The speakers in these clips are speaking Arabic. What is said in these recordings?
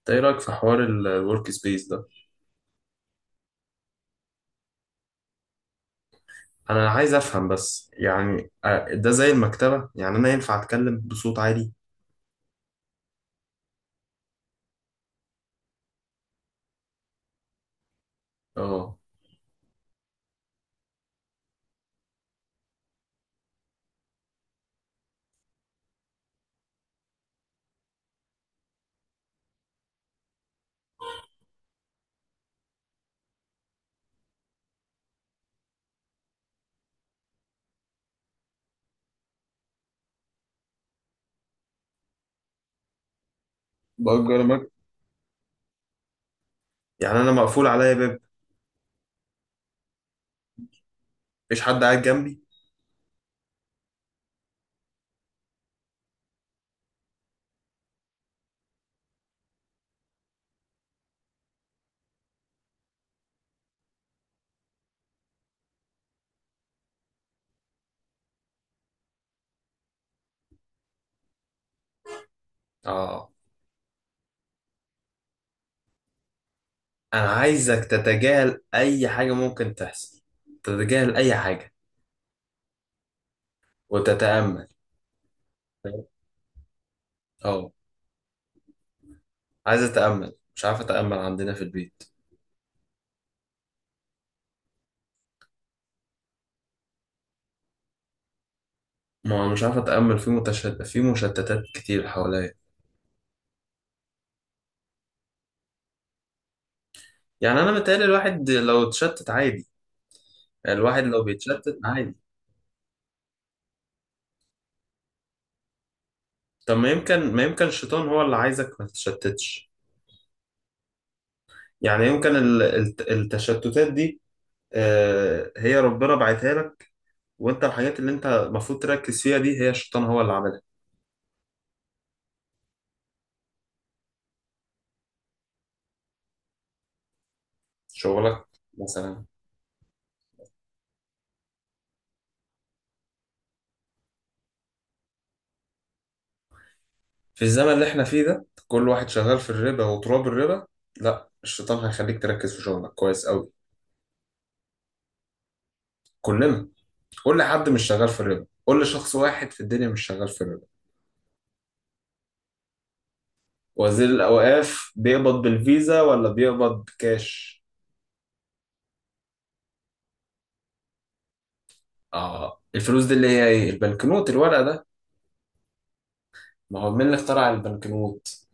إنت ايه رأيك في حوار الورك سبيس ده؟ انا عايز افهم، بس يعني ده زي المكتبة. يعني انا ينفع اتكلم بصوت عالي؟ اه، بأجر مكتب؟ يعني انا مقفول عليا باب، مفيش حد قاعد جنبي؟ اه. انا عايزك تتجاهل اي حاجة ممكن تحصل، تتجاهل اي حاجة وتتأمل. اه، عايز اتأمل، مش عارف اتأمل عندنا في البيت. ما انا مش عارف اتأمل، في متشتت، في مشتتات كتير حواليا. يعني انا متهيألي الواحد لو اتشتت عادي، يعني الواحد لو بيتشتت عادي. طب ما يمكن الشيطان هو اللي عايزك ما تتشتتش. يعني يمكن التشتتات دي هي ربنا بعتها لك، وانت الحاجات اللي انت المفروض تركز فيها دي هي الشيطان هو اللي عملها. شغلك مثلا. في الزمن اللي احنا فيه ده كل واحد شغال في الربا وتراب الربا، لا، الشيطان هيخليك تركز في شغلك كويس قوي. كلنا. قول لي حد مش شغال في الربا، قول لي شخص واحد في الدنيا مش شغال في الربا. وزير الأوقاف بيقبض بالفيزا ولا بيقبض كاش؟ اه، الفلوس دي اللي هي ايه؟ البنكنوت، الورق ده. ما هو مين اللي اخترع البنكنوت؟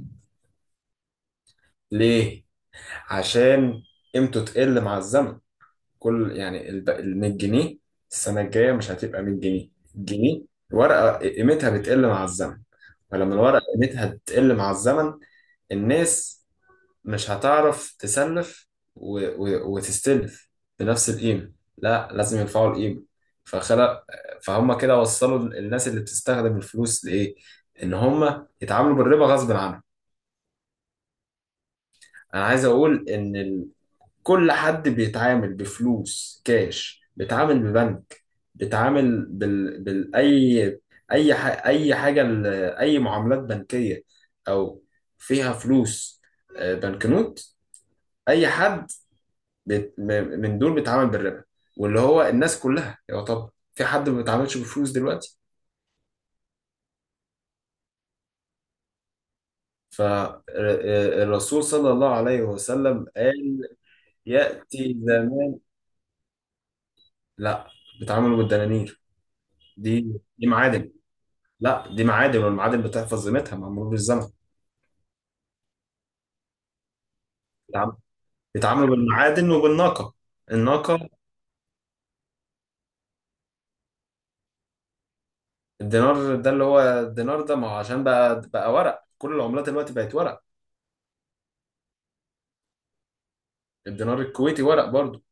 ليه؟ عشان قيمته تقل مع الزمن. كل، يعني، ال 100 جنيه السنه الجايه مش هتبقى 100 جنيه، جنيه. الورقه قيمتها بتقل مع الزمن، فلما الورقه قيمتها تقل مع الزمن، الناس مش هتعرف تسلف وتستلف بنفس القيمة. لا، لازم يرفعوا القيمة. فخلق، فهم كده وصلوا الناس اللي بتستخدم الفلوس لإيه؟ إن هم يتعاملوا بالربا غصب عنهم. أنا عايز أقول إن كل حد بيتعامل بفلوس كاش بيتعامل ببنك، بيتعامل أي، أي حاجة أي معاملات بنكية، أو فيها فلوس، بنكنوت. أي حد بيت- م- من دول بيتعامل بالربا. واللي هو الناس كلها، يعتبر في حد ما بيتعاملش بالفلوس دلوقتي؟ فالرسول صلى الله عليه وسلم قال يأتي زمان. لا، بيتعاملوا بالدنانير. دي معادن. لا، دي معادن، والمعادن بتحفظ قيمتها مع مرور الزمن. بيتعام- بيتعاملوا بالمعادن وبالناقة، الناقة. الدينار ده، اللي هو الدينار ده، ما هو عشان بقى ورق، كل العملات دلوقتي بقت ورق. الدينار الكويتي ورق برضه.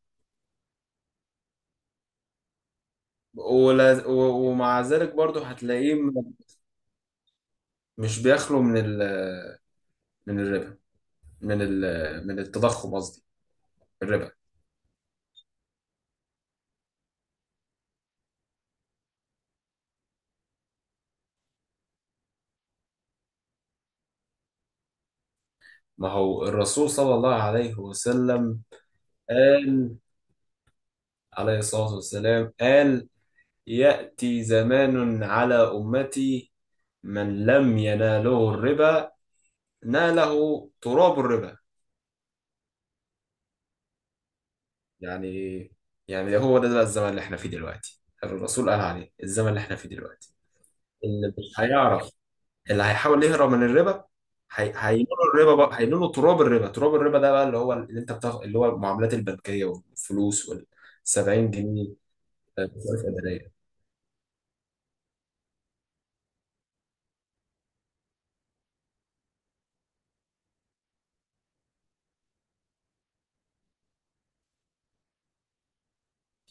ومع ذلك برضه هتلاقيه مش بيخلو من ال، من الربا، من ال، من التضخم، قصدي الربا. ما هو الرسول صلى الله عليه وسلم قال، عليه الصلاة والسلام، قال: يأتي زمان على أمتي من لم يناله الربا ناله تراب الربا. يعني، يعني ده هو ده بقى الزمن اللي احنا فيه دلوقتي، الرسول قال عليه الزمن اللي احنا فيه دلوقتي. اللي مش هيعرف، اللي هيحاول يهرب من الربا، هينولوا الربا بقى، هينولوا تراب الربا. تراب الربا ده بقى اللي هو، اللي انت بتاخد، اللي هو المعاملات البنكيه والفلوس وال 70 جنيه مصاريف اداريه.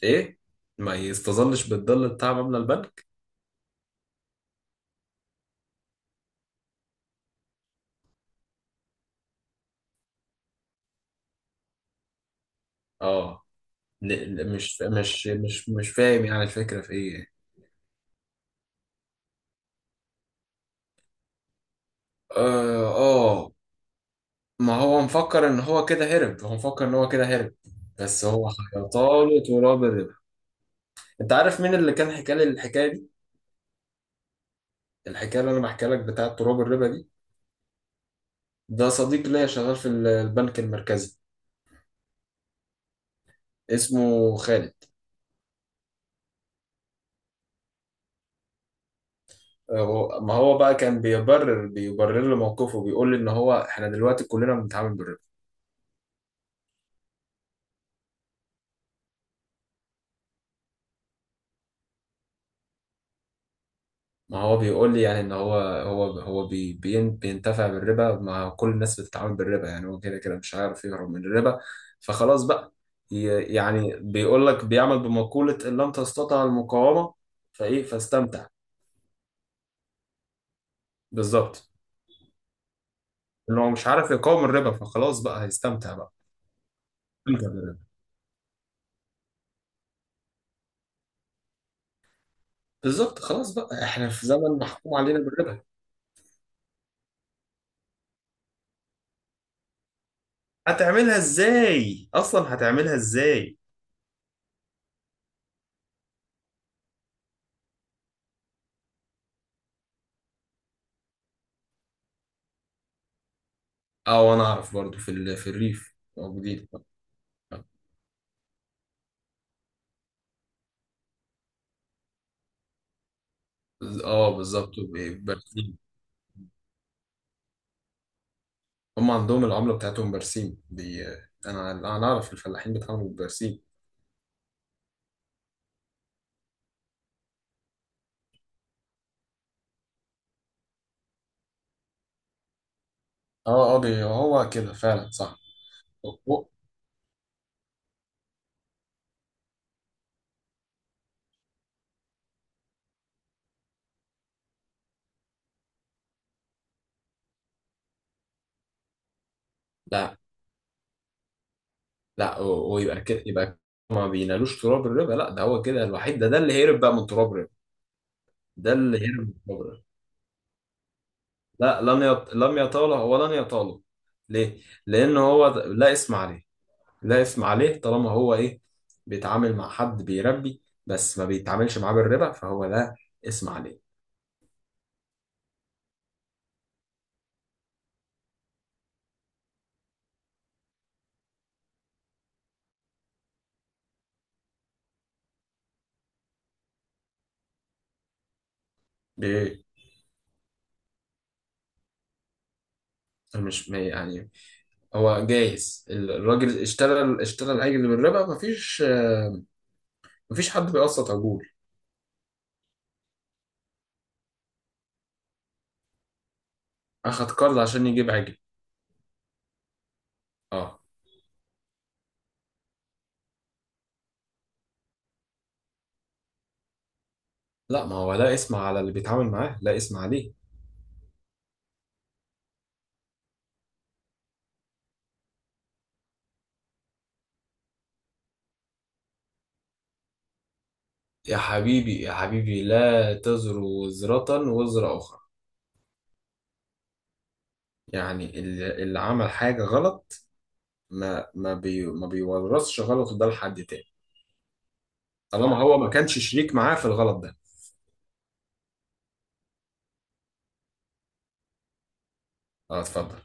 ايه؟ ما يستظلش بالظل بتاع مبلغ البنك. اه، مش فاهم، يعني الفكره في ايه. اه آه، ما هو مفكر ان هو كده هرب، هو مفكر ان هو كده هرب، بس هو حيطاله تراب الربا. انت عارف مين اللي كان حكى لي الحكايه دي، الحكايه اللي انا بحكي لك بتاعه تراب الربا دي؟ ده صديق ليا شغال في البنك المركزي. اسمه خالد. ما هو بقى كان بيبرر لي موقفه، بيقول لي ان هو احنا دلوقتي كلنا بنتعامل بالربا. ما هو بيقول لي، يعني، ان هو بينتفع بالربا. ما كل الناس بتتعامل بالربا، يعني هو كده مش هيعرف يهرب من الربا. فخلاص بقى، يعني بيقول لك بيعمل بمقولة ان لم تستطع المقاومة فايه فاستمتع. بالظبط. انه مش عارف يقاوم الربا، فخلاص بقى هيستمتع بقى. استمتع بالربا. بالظبط. خلاص بقى احنا في زمن محكوم علينا بالربا. هتعملها ازاي اصلا؟ هتعملها ازاي؟ اه، وانا اعرف برضو في الريف موجودين. اه، بالظبط. برسيم. هم عندهم العملة بتاعتهم برسيم، انا اعرف الفلاحين بيتعاملوا بالبرسيم. اه هو كده فعلا صح. أو- أو- لا، لا، ويبقى كده، يبقى ما بينالوش تراب الربا. لا، ده هو كده الوحيد، ده اللي هيهرب بقى من تراب الربا، ده اللي هيهرب من تراب الربا. لا، لم يطاله ولن يطاله. ليه؟ لأن هو لا اسم عليه، لا اسم عليه. طالما هو إيه؟ بيتعامل مع حد بيربي، بس ما بيتعاملش معاه بالربا، فهو لا اسم عليه. بي... مش ما يعني، هو جايز الراجل اشترى، العجل بالربا. مفيش، مفيش حد بيقسط عجول. أخد قرض عشان يجيب عجل؟ اه. لا، ما هو لا اسم على اللي بيتعامل معاه، لا اسم عليه. يا حبيبي، يا حبيبي، لا تزر وزرة وزر أخرى. يعني اللي عمل حاجة غلط، ما بيورثش غلطه ده لحد تاني، طالما هو ما كانش شريك معاه في الغلط ده. اه، اتفضل.